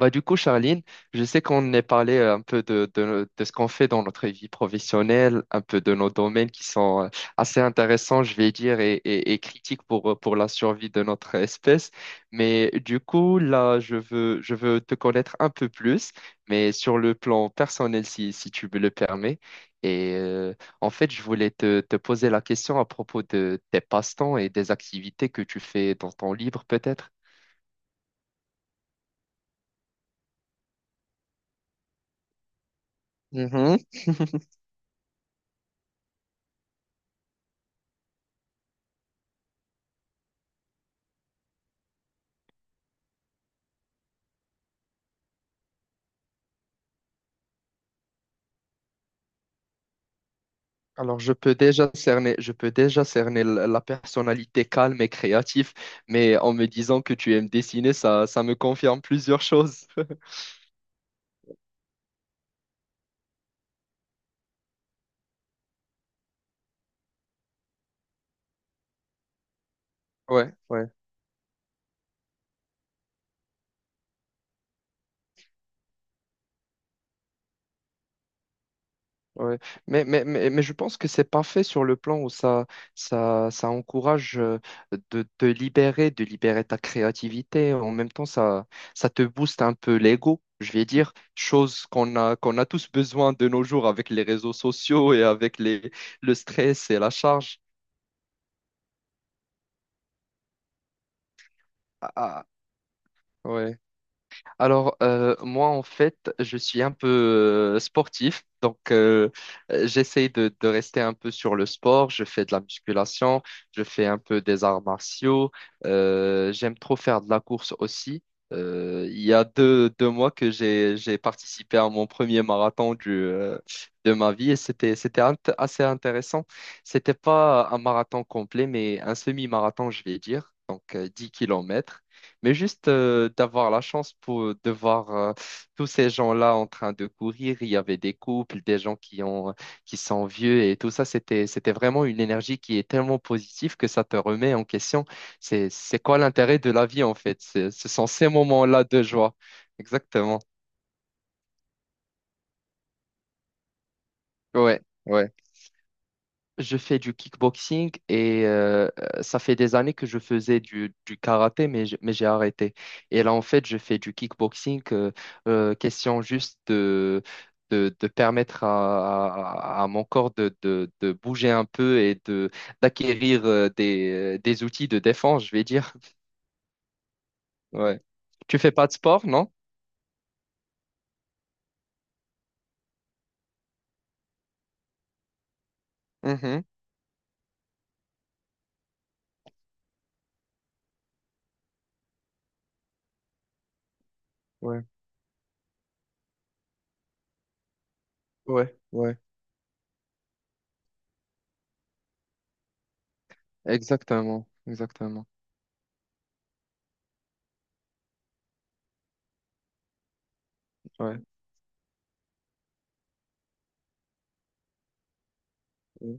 Bah, du coup, Charline, je sais qu'on ait parlé un peu de ce qu'on fait dans notre vie professionnelle, un peu de nos domaines qui sont assez intéressants, je vais dire, et critiques pour la survie de notre espèce. Mais du coup, là, je veux te connaître un peu plus, mais sur le plan personnel, si tu me le permets. Et euh, en fait, je voulais te poser la question à propos de tes passe-temps et des activités que tu fais dans ton livre, peut-être. Mhm. Alors, je peux déjà cerner, je peux déjà cerner la personnalité calme et créative, mais en me disant que tu aimes dessiner, ça me confirme plusieurs choses. Ouais, ouais, ouais. Mais je pense que c'est parfait sur le plan où ça encourage de te libérer, de libérer ta créativité. En même temps, ça te booste un peu l'ego, je vais dire, chose qu'on a tous besoin de nos jours avec les réseaux sociaux et avec les, le stress et la charge. Ah, ah, ouais. Alors, moi, en fait, je suis un peu sportif, donc j'essaye de rester un peu sur le sport. Je fais de la musculation, je fais un peu des arts martiaux, j'aime trop faire de la course aussi. Il y a deux mois que j'ai participé à mon premier marathon du, de ma vie et assez intéressant. C'était pas un marathon complet, mais un semi-marathon, je vais dire, donc 10 km. Mais juste d'avoir la chance pour, de voir tous ces gens-là en train de courir, il y avait des couples, des gens qui ont, qui sont vieux et tout ça, c'était vraiment une énergie qui est tellement positive que ça te remet en question. C'est quoi l'intérêt de la vie en fait? Ce sont ces moments-là de joie. Exactement. Ouais, ouais. Je fais du kickboxing et ça fait des années que je faisais du karaté, mais j'ai arrêté. Et là, en fait, je fais du kickboxing. Question juste de permettre à mon corps de bouger un peu et de d'acquérir des outils de défense, je vais dire. Ouais. Tu fais pas de sport, non? Mhm. Ouais, ouais, ouais. Exactement, exactement. Ouais. Ouais.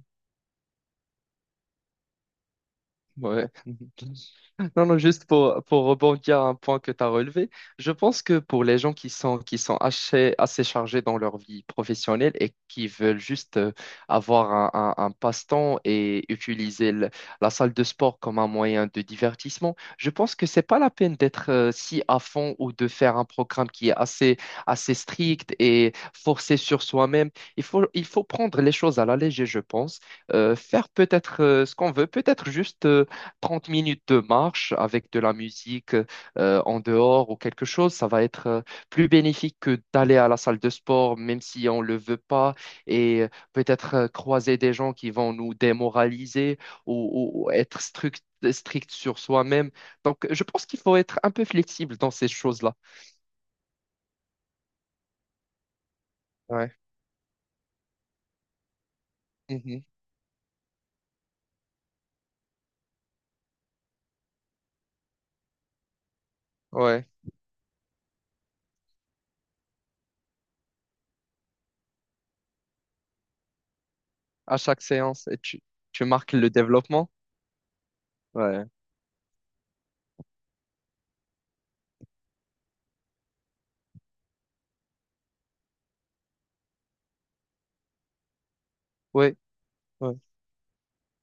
Ouais. Non, non, juste pour rebondir à un point que tu as relevé, je pense que pour les gens qui sont assez, assez chargés dans leur vie professionnelle et qui veulent juste avoir un passe-temps et utiliser la salle de sport comme un moyen de divertissement, je pense que c'est pas la peine d'être si à fond ou de faire un programme qui est assez, assez strict et forcé sur soi-même. Il faut prendre les choses à la légère, je pense. Faire peut-être ce qu'on veut, peut-être juste 30 minutes de marche avec de la musique en dehors ou quelque chose, ça va être plus bénéfique que d'aller à la salle de sport, même si on ne le veut pas, et peut-être croiser des gens qui vont nous démoraliser ou être strict, strict sur soi-même. Donc, je pense qu'il faut être un peu flexible dans ces choses-là. Ouais. Mhm. Ouais. À chaque séance, et tu marques le développement. Ouais. Ouais.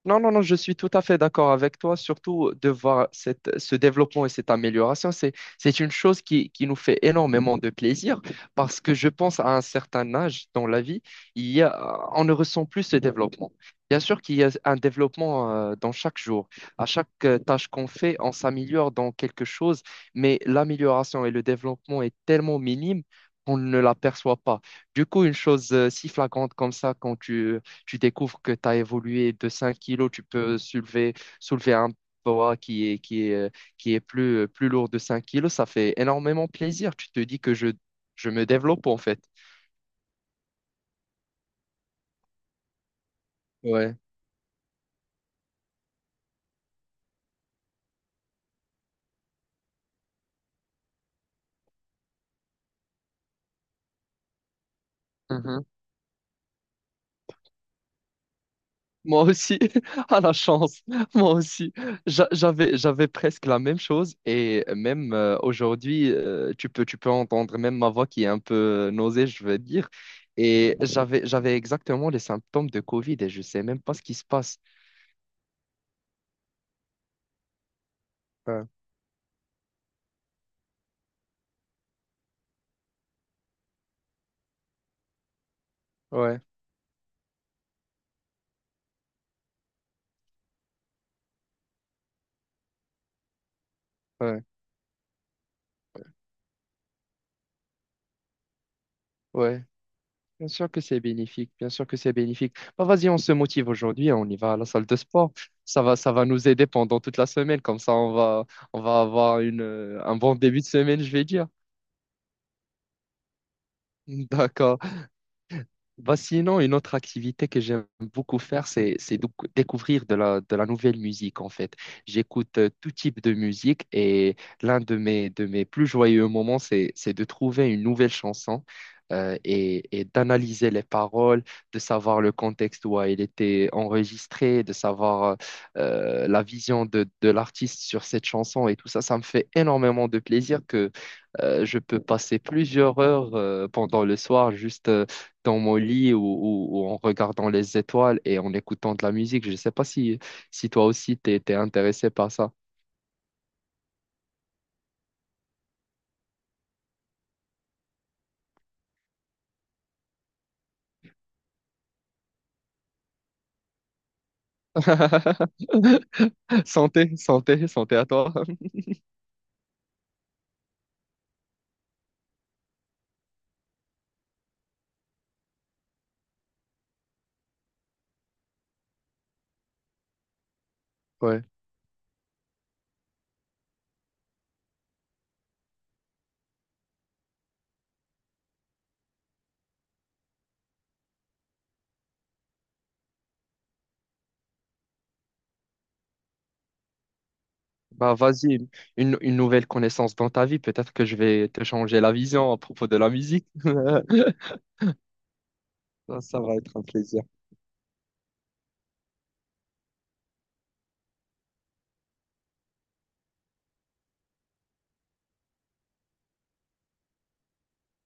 Non, non, non, je suis tout à fait d'accord avec toi, surtout de voir ce développement et cette amélioration. C'est une chose qui nous fait énormément de plaisir parce que je pense à un certain âge dans la vie, on ne ressent plus ce développement. Bien sûr qu'il y a un développement dans chaque jour. À chaque tâche qu'on fait, on s'améliore dans quelque chose, mais l'amélioration et le développement est tellement minime qu'on ne l'aperçoit pas. Du coup, une chose si flagrante comme ça, quand tu découvres que tu as évolué de 5 kilos, tu peux soulever un poids qui est plus, plus lourd de 5 kilos, ça fait énormément plaisir. Tu te dis que je me développe en fait. Ouais. Mhm. Moi aussi, à la chance, moi aussi. J'avais, j'avais presque la même chose et même aujourd'hui, tu peux entendre même ma voix qui est un peu nausée, je veux dire. Et j'avais exactement les symptômes de Covid et je sais même pas ce qui se passe. Ouais, ouais. Ouais. Ouais, bien sûr que c'est bénéfique, bien sûr que c'est bénéfique. Bah, vas-y, on se motive aujourd'hui, hein, on y va à la salle de sport. Ça va nous aider pendant toute la semaine, comme ça on va avoir un bon début de semaine, je vais dire. D'accord. Bah, sinon, une autre activité que j'aime beaucoup faire, découvrir de la nouvelle musique, en fait. J'écoute tout type de musique et l'un de mes plus joyeux moments, c'est de trouver une nouvelle chanson et d'analyser les paroles, de savoir le contexte où elle était enregistrée, de savoir la vision de l'artiste sur cette chanson et tout ça. Ça me fait énormément de plaisir que je peux passer plusieurs heures pendant le soir juste dans mon lit ou en regardant les étoiles et en écoutant de la musique. Je ne sais pas si, si toi aussi t'es intéressé par ça. Santé, santé, santé à toi. Ouais. Bah vas-y, une nouvelle connaissance dans ta vie. Peut-être que je vais te changer la vision à propos de la musique. Ça va être un plaisir.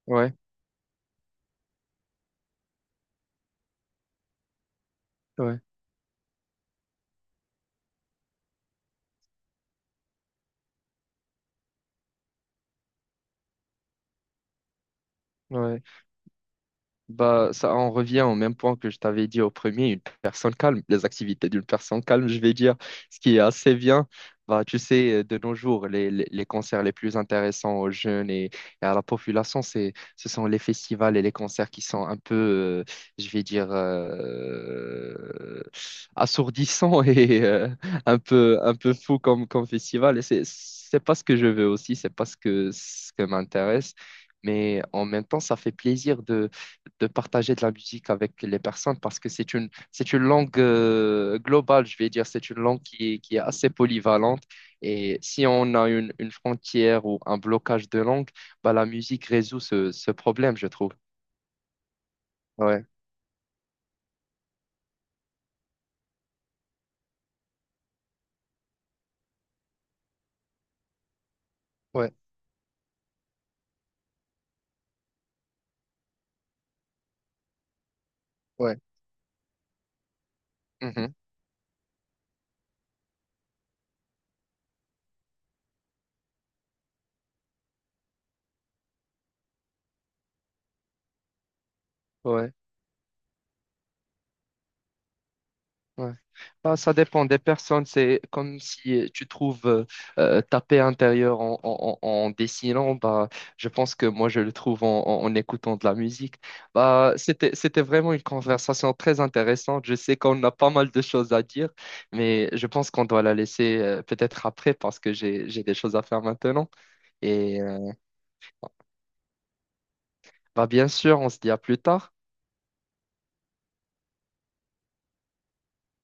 Ouais, ouais, ouais. Bah, ça en revient au même point que je t'avais dit au premier, une personne calme, les activités d'une personne calme, je vais dire, ce qui est assez bien. Bah, tu sais, de nos jours, les concerts les plus intéressants aux jeunes et à la population, ce sont les festivals et les concerts qui sont un peu, je vais dire, assourdissants et un peu fous comme festival. Et c'est pas ce que je veux aussi, c'est pas ce que m'intéresse. Mais en même temps, ça fait plaisir de partager de la musique avec les personnes parce que c'est c'est une langue globale, je vais dire, c'est une langue qui est assez polyvalente. Et si on a une frontière ou un blocage de langue, bah, la musique résout ce problème, je trouve. Ouais, ouais, ouais. Mhm. Ouais. Ouais. Bah, ça dépend des personnes. C'est comme si tu trouves ta paix intérieure en dessinant. Bah, je pense que moi, je le trouve en écoutant de la musique. Bah, c'était vraiment une conversation très intéressante. Je sais qu'on a pas mal de choses à dire, mais je pense qu'on doit la laisser peut-être après parce que j'ai des choses à faire maintenant. Et euh, bah, bien sûr, on se dit à plus tard.